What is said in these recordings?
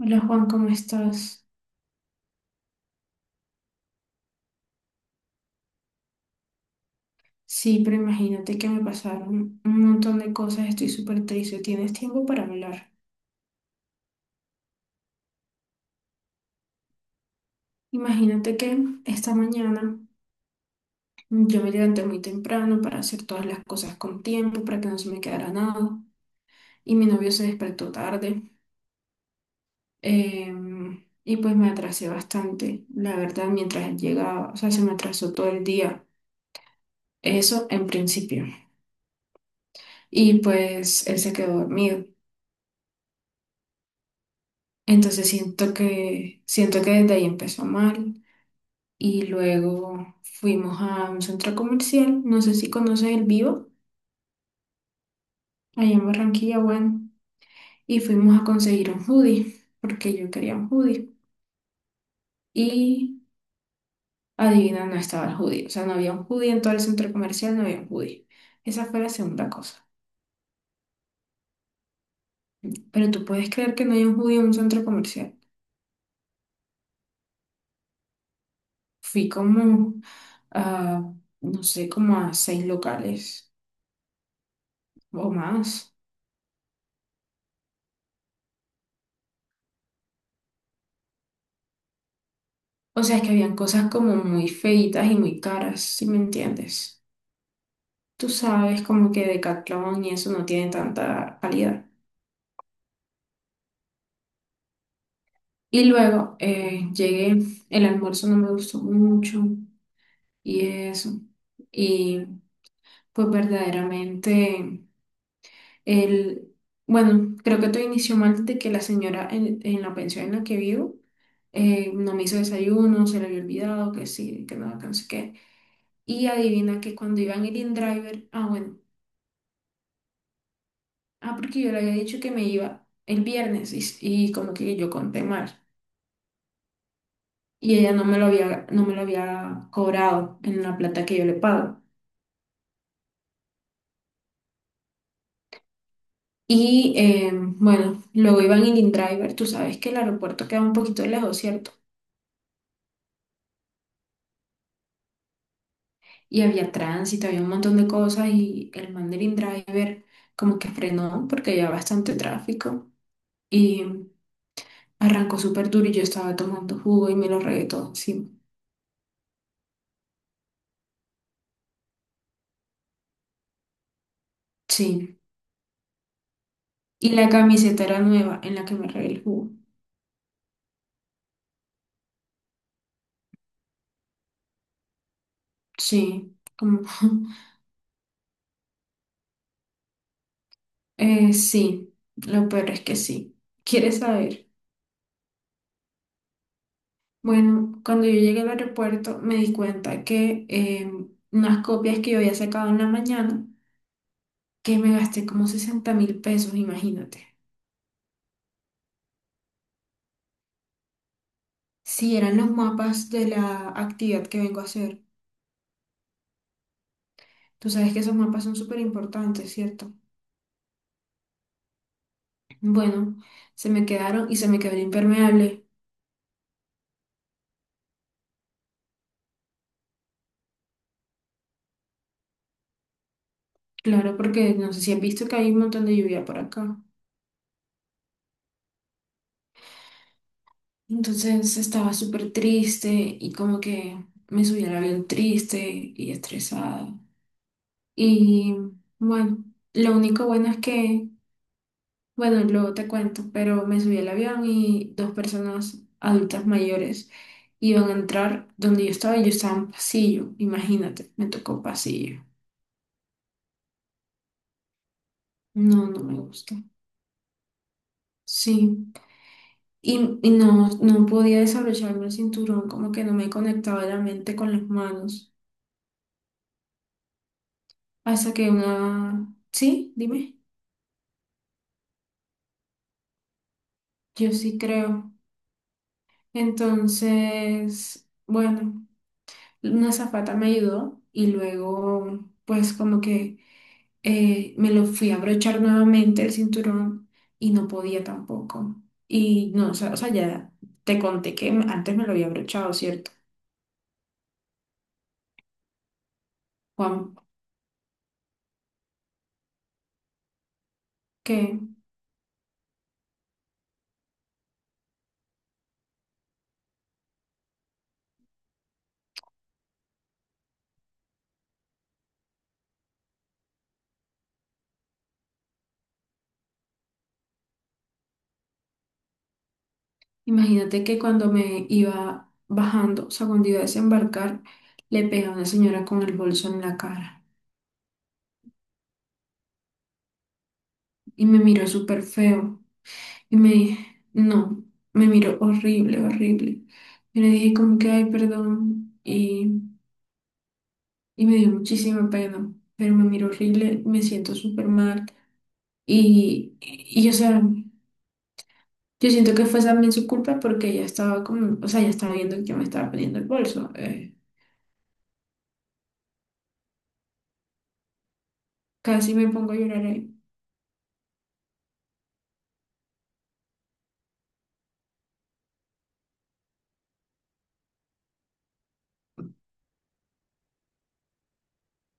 Hola Juan, ¿cómo estás? Sí, pero imagínate que me pasaron un montón de cosas, estoy súper triste, ¿tienes tiempo para hablar? Imagínate que esta mañana yo me levanté muy temprano para hacer todas las cosas con tiempo, para que no se me quedara nada, y mi novio se despertó tarde, y pues me atrasé bastante, la verdad, mientras él llegaba, o sea, se me atrasó todo el día, eso en principio, y pues él se quedó dormido. Entonces siento que desde ahí empezó mal y luego fuimos a un centro comercial, no sé si conoces El Vivo, allá en Barranquilla, bueno, y fuimos a conseguir un hoodie, porque yo quería un hoodie. Y adivina, no estaba el hoodie, o sea, no había un hoodie en todo el centro comercial, no había un hoodie. Esa fue la segunda cosa. Pero tú puedes creer que no hay un hoodie en un centro comercial. Fui como a, no sé, como a seis locales o más. O sea, es que habían cosas como muy feitas y muy caras, si me entiendes. Tú sabes, como que Decathlon y eso no tiene tanta calidad. Y luego llegué, el almuerzo no me gustó mucho y eso. Y pues verdaderamente, el, bueno, creo que todo inició mal desde que la señora en la pensión en la que vivo no me hizo desayuno, se le había olvidado que sí, que nada, que no sé qué. Y adivina que cuando iban el in-driver, ah, bueno. Ah, porque yo le había dicho que me iba el viernes y como que yo conté mal. Y ella no me lo había cobrado en la plata que yo le pago. Y bueno, luego iba en el driver. Tú sabes que el aeropuerto queda un poquito lejos, ¿cierto? Y había tránsito, había un montón de cosas y el man del driver como que frenó porque había bastante tráfico y arrancó súper duro y yo estaba tomando jugo y me lo regué todo encima. Sí. Y la camiseta era nueva en la que me regué el jugo. Sí, como, sí, lo peor es que sí. ¿Quieres saber? Bueno, cuando yo llegué al aeropuerto me di cuenta que unas copias que yo había sacado en la mañana, que me gasté como 60.000 pesos, imagínate. Sí, eran los mapas de la actividad que vengo a hacer. Tú sabes que esos mapas son súper importantes, ¿cierto? Bueno, se me quedaron y se me quedó el impermeable. Claro, porque no sé si has visto que hay un montón de lluvia por acá. Entonces estaba súper triste y como que me subí al avión triste y estresada. Y bueno, lo único bueno es que, bueno, luego te cuento, pero me subí al avión y dos personas adultas mayores iban a entrar donde yo estaba y yo estaba en pasillo, imagínate, me tocó pasillo. No, no me gusta. Sí, y no, no podía desabrocharme el cinturón, como que no me conectaba la mente con las manos. Hasta que una... Sí, dime. Yo sí creo. Entonces, bueno, una azafata me ayudó y luego, pues como que me lo fui a abrochar nuevamente el cinturón y no podía tampoco. Y no, o sea, ya te conté que antes me lo había abrochado, ¿cierto? Juan, que imagínate que cuando me iba bajando, o sea, cuando iba a desembarcar, le pegué a una señora con el bolso en la cara y me miró súper feo. Y me dije, no, me miró horrible, horrible. Yo le dije como que, ay, perdón. Y me dio muchísima pena, pero me miró horrible, me siento súper mal. O sea, yo siento que fue también su culpa porque ella estaba como, o sea, ya estaba viendo que yo me estaba poniendo el bolso. Casi me pongo a llorar ahí.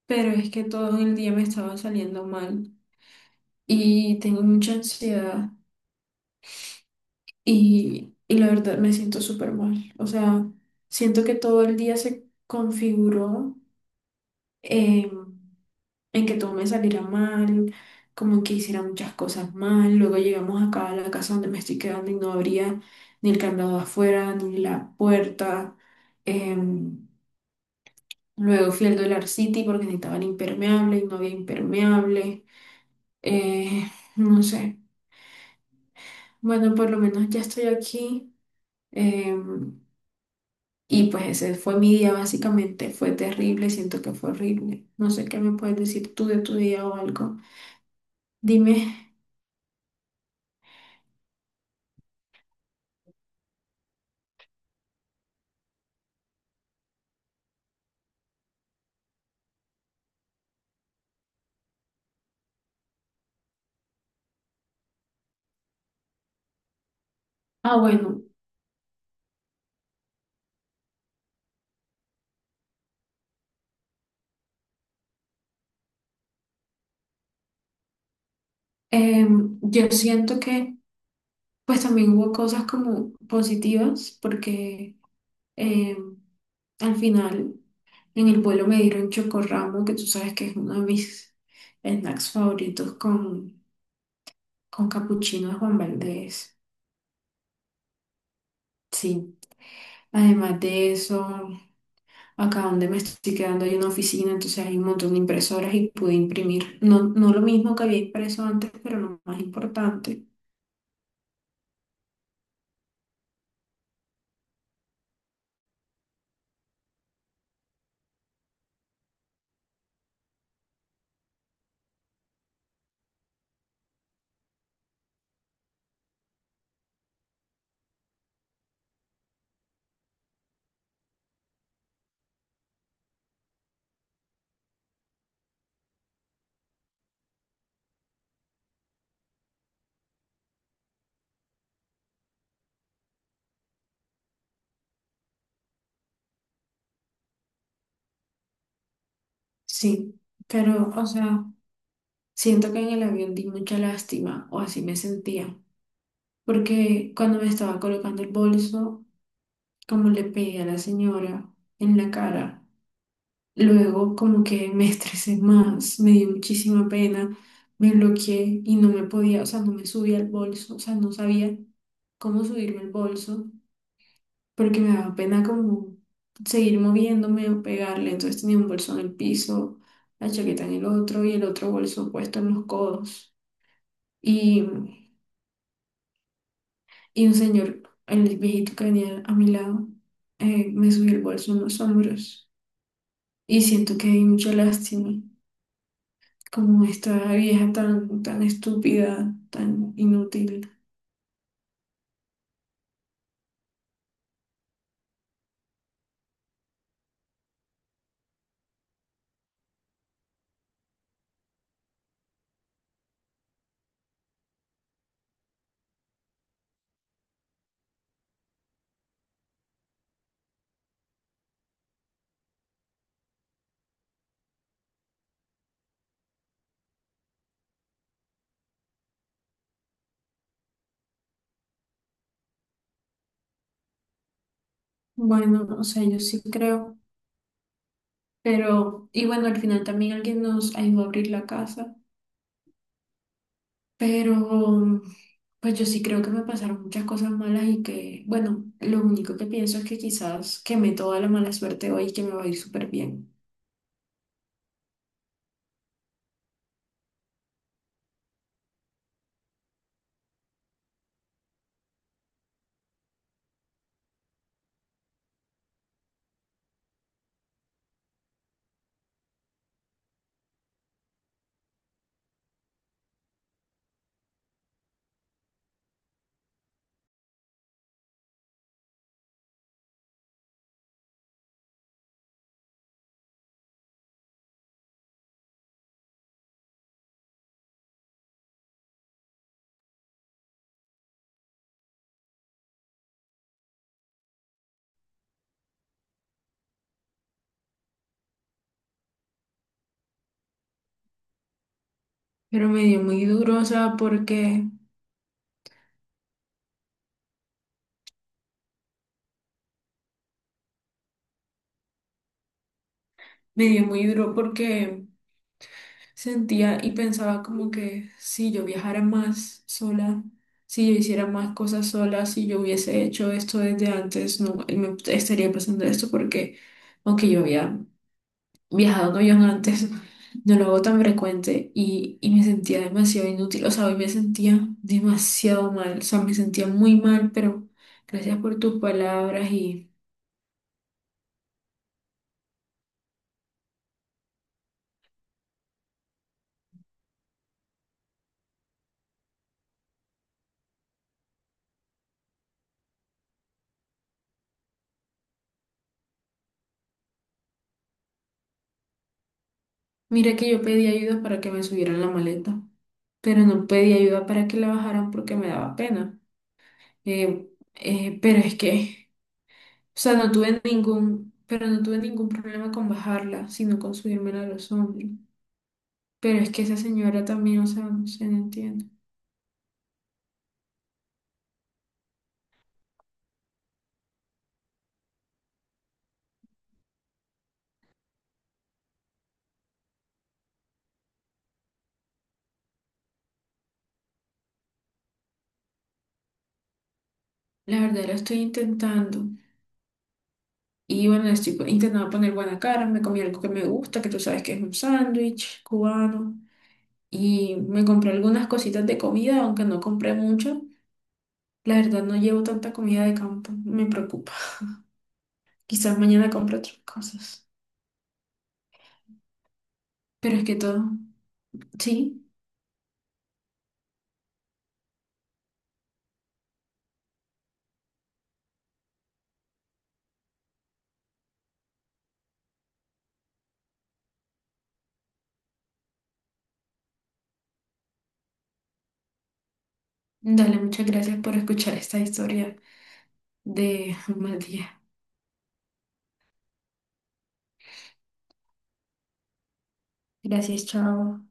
Pero es que todo el día me estaba saliendo mal y tengo mucha ansiedad. Y la verdad me siento súper mal. O sea, siento que todo el día se configuró eh, en que todo me saliera mal, como en que hiciera muchas cosas mal. Luego llegamos acá a la casa donde me estoy quedando y no abría ni el candado afuera, ni la puerta. Em, Luego fui al Dollar City porque necesitaban impermeable y no había impermeable. Eh, no sé. Bueno, por lo menos ya estoy aquí. Em, Y pues ese fue mi día básicamente, fue terrible, siento que fue horrible. No sé qué me puedes decir tú de tu día o algo. Dime, ah bueno, yo siento que pues también hubo cosas como positivas porque em, al final en el vuelo me dieron chocorramo, que tú sabes que es uno de mis snacks favoritos con capuchino de Juan Valdez. Sí, además de eso. Acá donde me estoy quedando hay una oficina, entonces hay un montón de impresoras y pude imprimir. No lo mismo que había impreso antes, pero lo más importante. Sí, pero, o sea, siento que en el avión di mucha lástima, o así me sentía. Porque cuando me estaba colocando el bolso, como le pegué a la señora en la cara, luego como que me estresé más, me dio muchísima pena, me bloqueé y no me podía, o sea, no me subía al bolso, o sea, no sabía cómo subirme el bolso. Porque me daba pena como seguir moviéndome o pegarle. Entonces tenía un bolso en el piso, la chaqueta en el otro y el otro bolso puesto en los codos. Y, y un señor, el viejito que venía a mi lado, me subió el bolso en los hombros. Y siento que hay mucha lástima, como esta vieja tan, tan estúpida, tan inútil. Bueno, o sea, yo sí creo, pero, y bueno, al final también alguien nos ayudó a abrir la casa. Pero pues yo sí creo que me pasaron muchas cosas malas y que, bueno, lo único que pienso es que quizás quemé toda la mala suerte hoy y que me va a ir súper bien. Pero me dio muy duro, o sea, porque me dio muy duro porque sentía y pensaba como que si yo viajara más sola, si yo hiciera más cosas sola, si yo hubiese hecho esto desde antes, no me estaría pasando esto porque aunque yo había viajado un avión antes, no lo hago tan frecuente y me sentía demasiado inútil, o sea, hoy me sentía demasiado mal, o sea, me sentía muy mal, pero gracias por tus palabras y mira que yo pedí ayuda para que me subieran la maleta, pero no pedí ayuda para que la bajaran porque me daba pena. Eh, pero es que, o sea, pero no tuve ningún problema con bajarla, sino con subírmela a los hombros. Pero es que esa señora también, o sea, no se entiende. La verdad, la estoy intentando. Y bueno, estoy intentando poner buena cara, me comí algo que me gusta, que tú sabes que es un sándwich cubano. Y me compré algunas cositas de comida, aunque no compré mucho. La verdad, no llevo tanta comida de campo, me preocupa. Quizás mañana compre otras cosas. Pero es que todo, sí. Dale, muchas gracias por escuchar esta historia de un mal día. Gracias, chao.